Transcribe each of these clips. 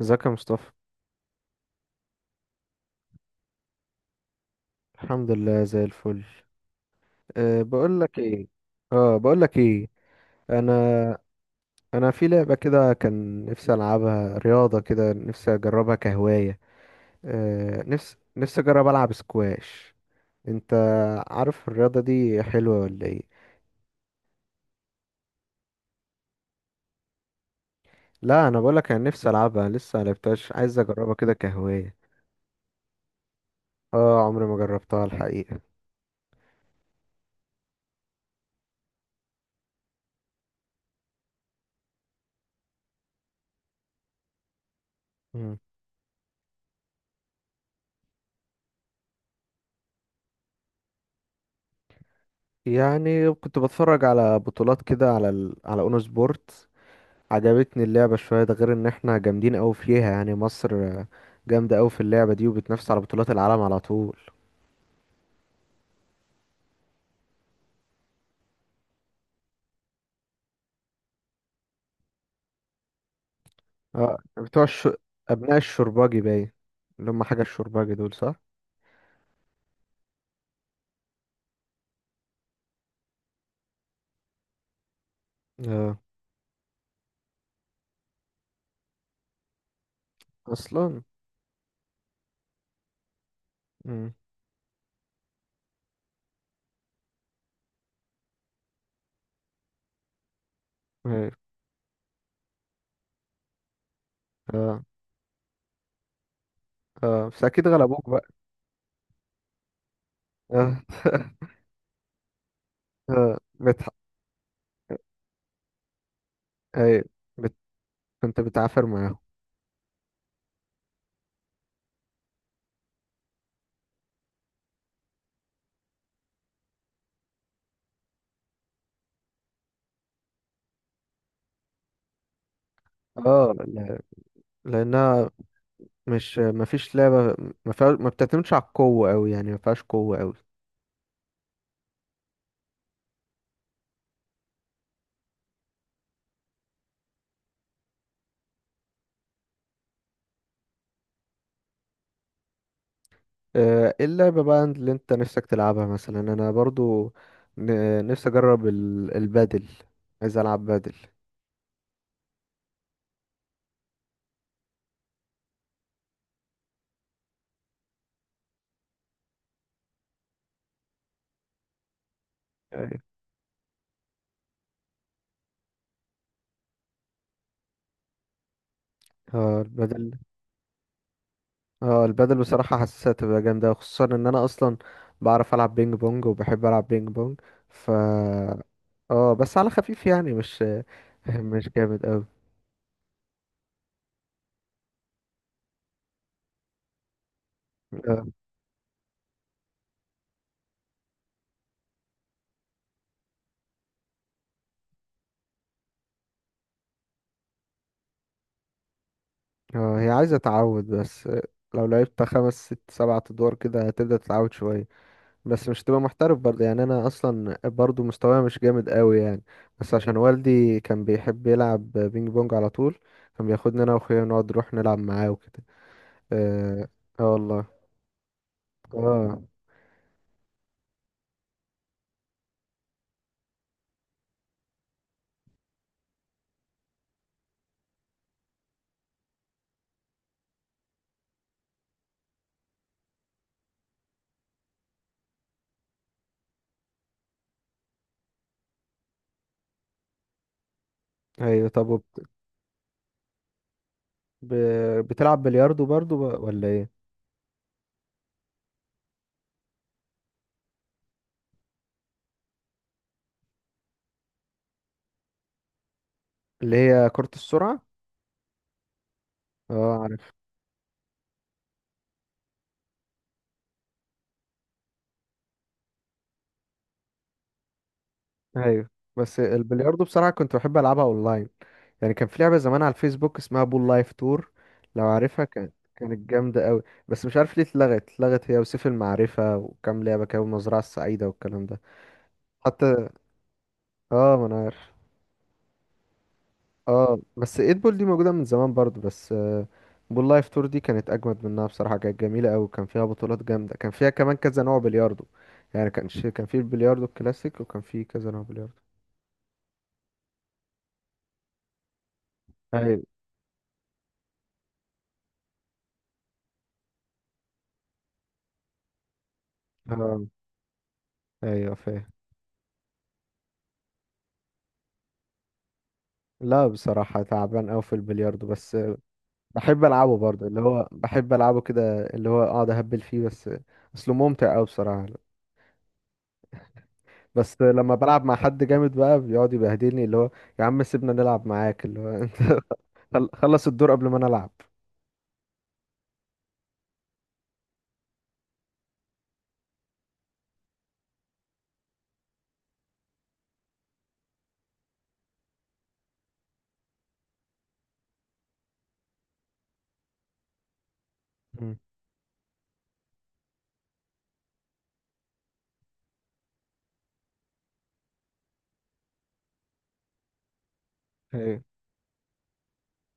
ازيك يا مصطفى؟ الحمد لله زي الفل. أه بقول لك ايه. اه بقول لك ايه انا انا في لعبه كده، كان نفسي العبها، رياضه كده نفسي اجربها كهوايه. أه نفسي اجرب العب سكواش. انت عارف الرياضه دي حلوه ولا ايه؟ لا انا بقول لك انا نفسي العبها، لسه ملعبتهاش، عايز اجربها كده كهوايه. اه عمري ما جربتها الحقيقه. مم. يعني كنت بتفرج على بطولات كده على على اونو سبورت. عجبتني اللعبة شوية، ده غير ان احنا جامدين اوي فيها، يعني مصر جامدة اوي في اللعبة دي، وبتنافس على بطولات العالم على طول. اه بتوع الش... ابناء الشرباجي باين، اللي هم حاجة الشرباجي دول صح؟ اه. اصلا. امم. ايوه. اه. اه بس اكيد غلبوك بقى. اه اه بتح... ايوه بت... كنت بتعافر معاهم. اه لا- لانها مش مفيش لعبة ما فيها ما بتعتمدش على القوة اوي، يعني ما فيهاش قوة اوي. ايه اللعبة بقى اللي انت نفسك تلعبها؟ مثلا انا برضو نفسي اجرب البادل، عايز العب بادل. أيوة. اه البادل. اه البادل بصراحة حاسسها تبقى جامدة، خصوصا ان انا اصلا بعرف العب بينج بونج وبحب العب بينج بونج. ف اه بس على خفيف يعني، مش مش جامد اوي. اه هي عايزة تعود بس. لو لعبت خمس ست سبعة ادوار كده هتبدأ تتعود شوية، بس مش تبقى محترف برضه يعني. انا اصلا برضه مستواي مش جامد قوي يعني، بس عشان والدي كان بيحب يلعب بينج بونج على طول، كان بياخدني انا واخويا نقعد نروح نلعب معاه وكده. اه. آه والله. اه. ايوه. ب... بتلعب بلياردو برضه ب- ولا ايه؟ اللي هي كرة السرعة. اه. ايوه بس البلياردو بصراحة كنت بحب ألعبها أونلاين. يعني كان في لعبة زمان على الفيسبوك اسمها بول لايف تور، لو عارفها. كانت جامدة أوي، بس مش عارف ليه اتلغت، هي وسيف المعرفة وكام لعبة كده، والمزرعة السعيدة والكلام ده. حتى اه ما أنا عارف. اه بس ايد بول دي موجودة من زمان برضه، بس بول لايف تور دي كانت أجمد منها بصراحة، كانت جميلة أوي، كان فيها بطولات جامدة، كان فيها كمان كذا نوع بلياردو. يعني كانش كان في البلياردو الكلاسيك، وكان في كذا نوع بلياردو. ايوه. اه ايوه فاهم. لا بصراحة تعبان أوي في البلياردو، بس بحب ألعبه برضه، اللي هو بحب ألعبه كده، اللي هو أقعد أهبل فيه بس. أصله ممتع أوي بصراحة. بس لما بلعب مع حد جامد بقى بيقعد يبهدلني، اللي هو يا عم سيبنا نلعب معاك، اللي هو أنت خلص الدور قبل ما نلعب. مم. ايه.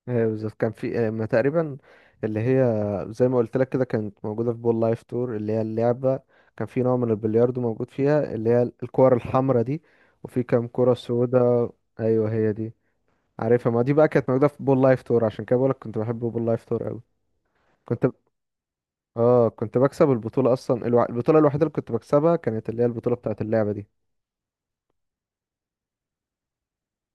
ايه بالظبط، كان في ما تقريبا، اللي هي زي ما قلت لك كده، كانت موجودة في بول لايف تور، اللي هي اللعبة. كان في نوع من البلياردو موجود فيها، اللي هي الكور الحمراء دي، وفي كام كرة سودا. ايوه هي دي. عارفها، ما دي بقى كانت موجودة في بول لايف تور، عشان كده بقولك كنت بحب بول لايف تور قوي. كنت اه كنت بكسب البطولة اصلا، البطولة الوحيدة اللي كنت بكسبها كانت اللي هي البطولة بتاعة اللعبة دي.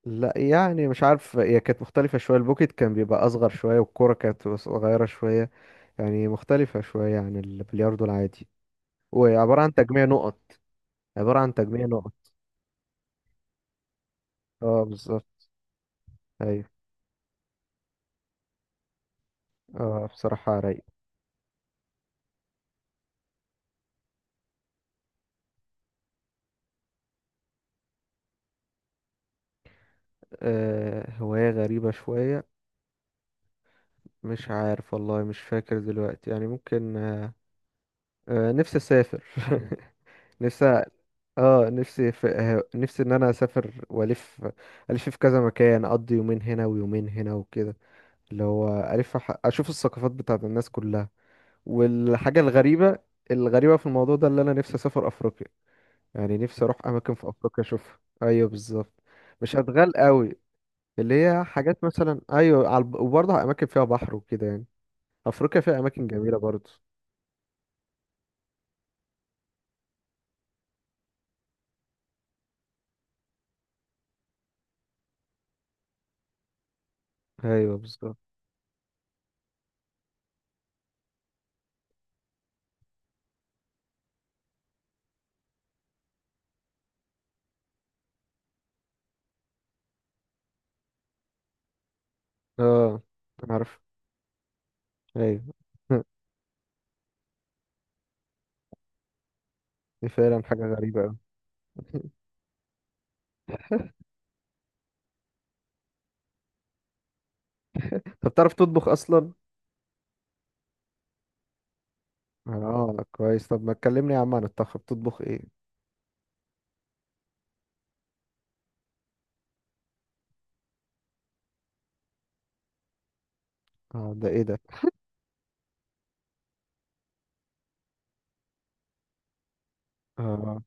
لا يعني مش عارف، هي كانت مختلفة شوية، البوكيت كان بيبقى اصغر شوية، والكورة كانت صغيرة شوية، يعني مختلفة شوية عن البلياردو العادي. وعبارة عن تجميع نقط. عبارة عن تجميع نقط. اه بالظبط. ايوه. اه بصراحة رايق. آه هواية غريبة شوية، مش عارف والله، مش فاكر دلوقتي يعني. ممكن نفسي اسافر نفسي اه نفسي في... آه، نفسي ان انا اسافر والف، الف في كذا مكان، اقضي يومين هنا ويومين هنا وكده، اللي هو الف اشوف الثقافات بتاعت الناس كلها. والحاجه الغريبه، الغريبه في الموضوع ده، اللي انا نفسي اسافر افريقيا، يعني نفسي اروح اماكن في افريقيا اشوفها. ايوه بالظبط. مش هتغال قوي، اللي هي حاجات مثلا، ايوه على وبرضه اماكن فيها بحر وكده يعني. افريقيا فيها اماكن جميله برضه. ايوه بالظبط. اه عارف. ايوه دي فعلا حاجة غريبة أوي. طب بتعرف تطبخ أصلا؟ اه كويس، طب ما تكلمني يا عم عن الطبخ، بتطبخ ايه؟ اه ده ايه ده؟ اه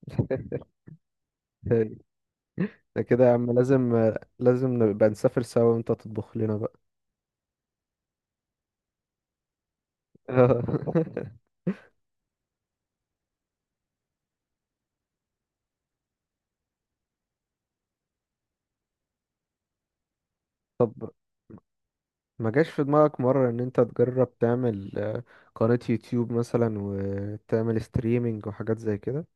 هاي. ده كده يا عم لازم، لازم نبقى نسافر سوا وانت تطبخ لنا بقى. آه. طب ما جاش في دماغك مرة ان انت تجرب تعمل قناة يوتيوب مثلا، وتعمل ستريمينج وحاجات زي كده؟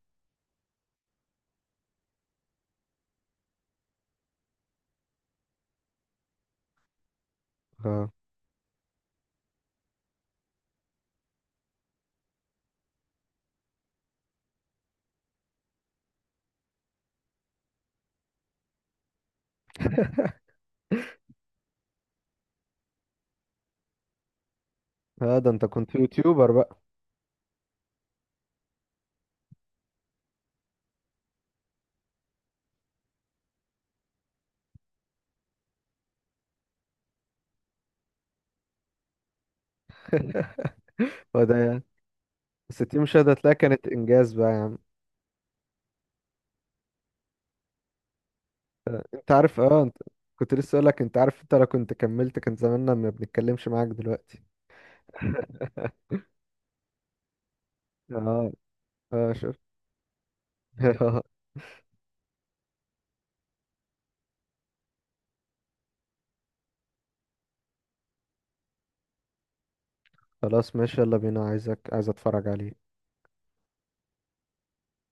اه اه ده انت كنت يوتيوبر بقى. وده يعني. بس دي مشاهدة هتلاقي كانت انجاز بقى يا عم. انت عارف، اه انت كنت لسه اقول لك، انت عارف انت لو كنت كملت كان زماننا ما بنتكلمش معاك دلوقتي. اه. اه شوف خلاص ماشي، يلا بينا، عايزك عايز اتفرج عليه.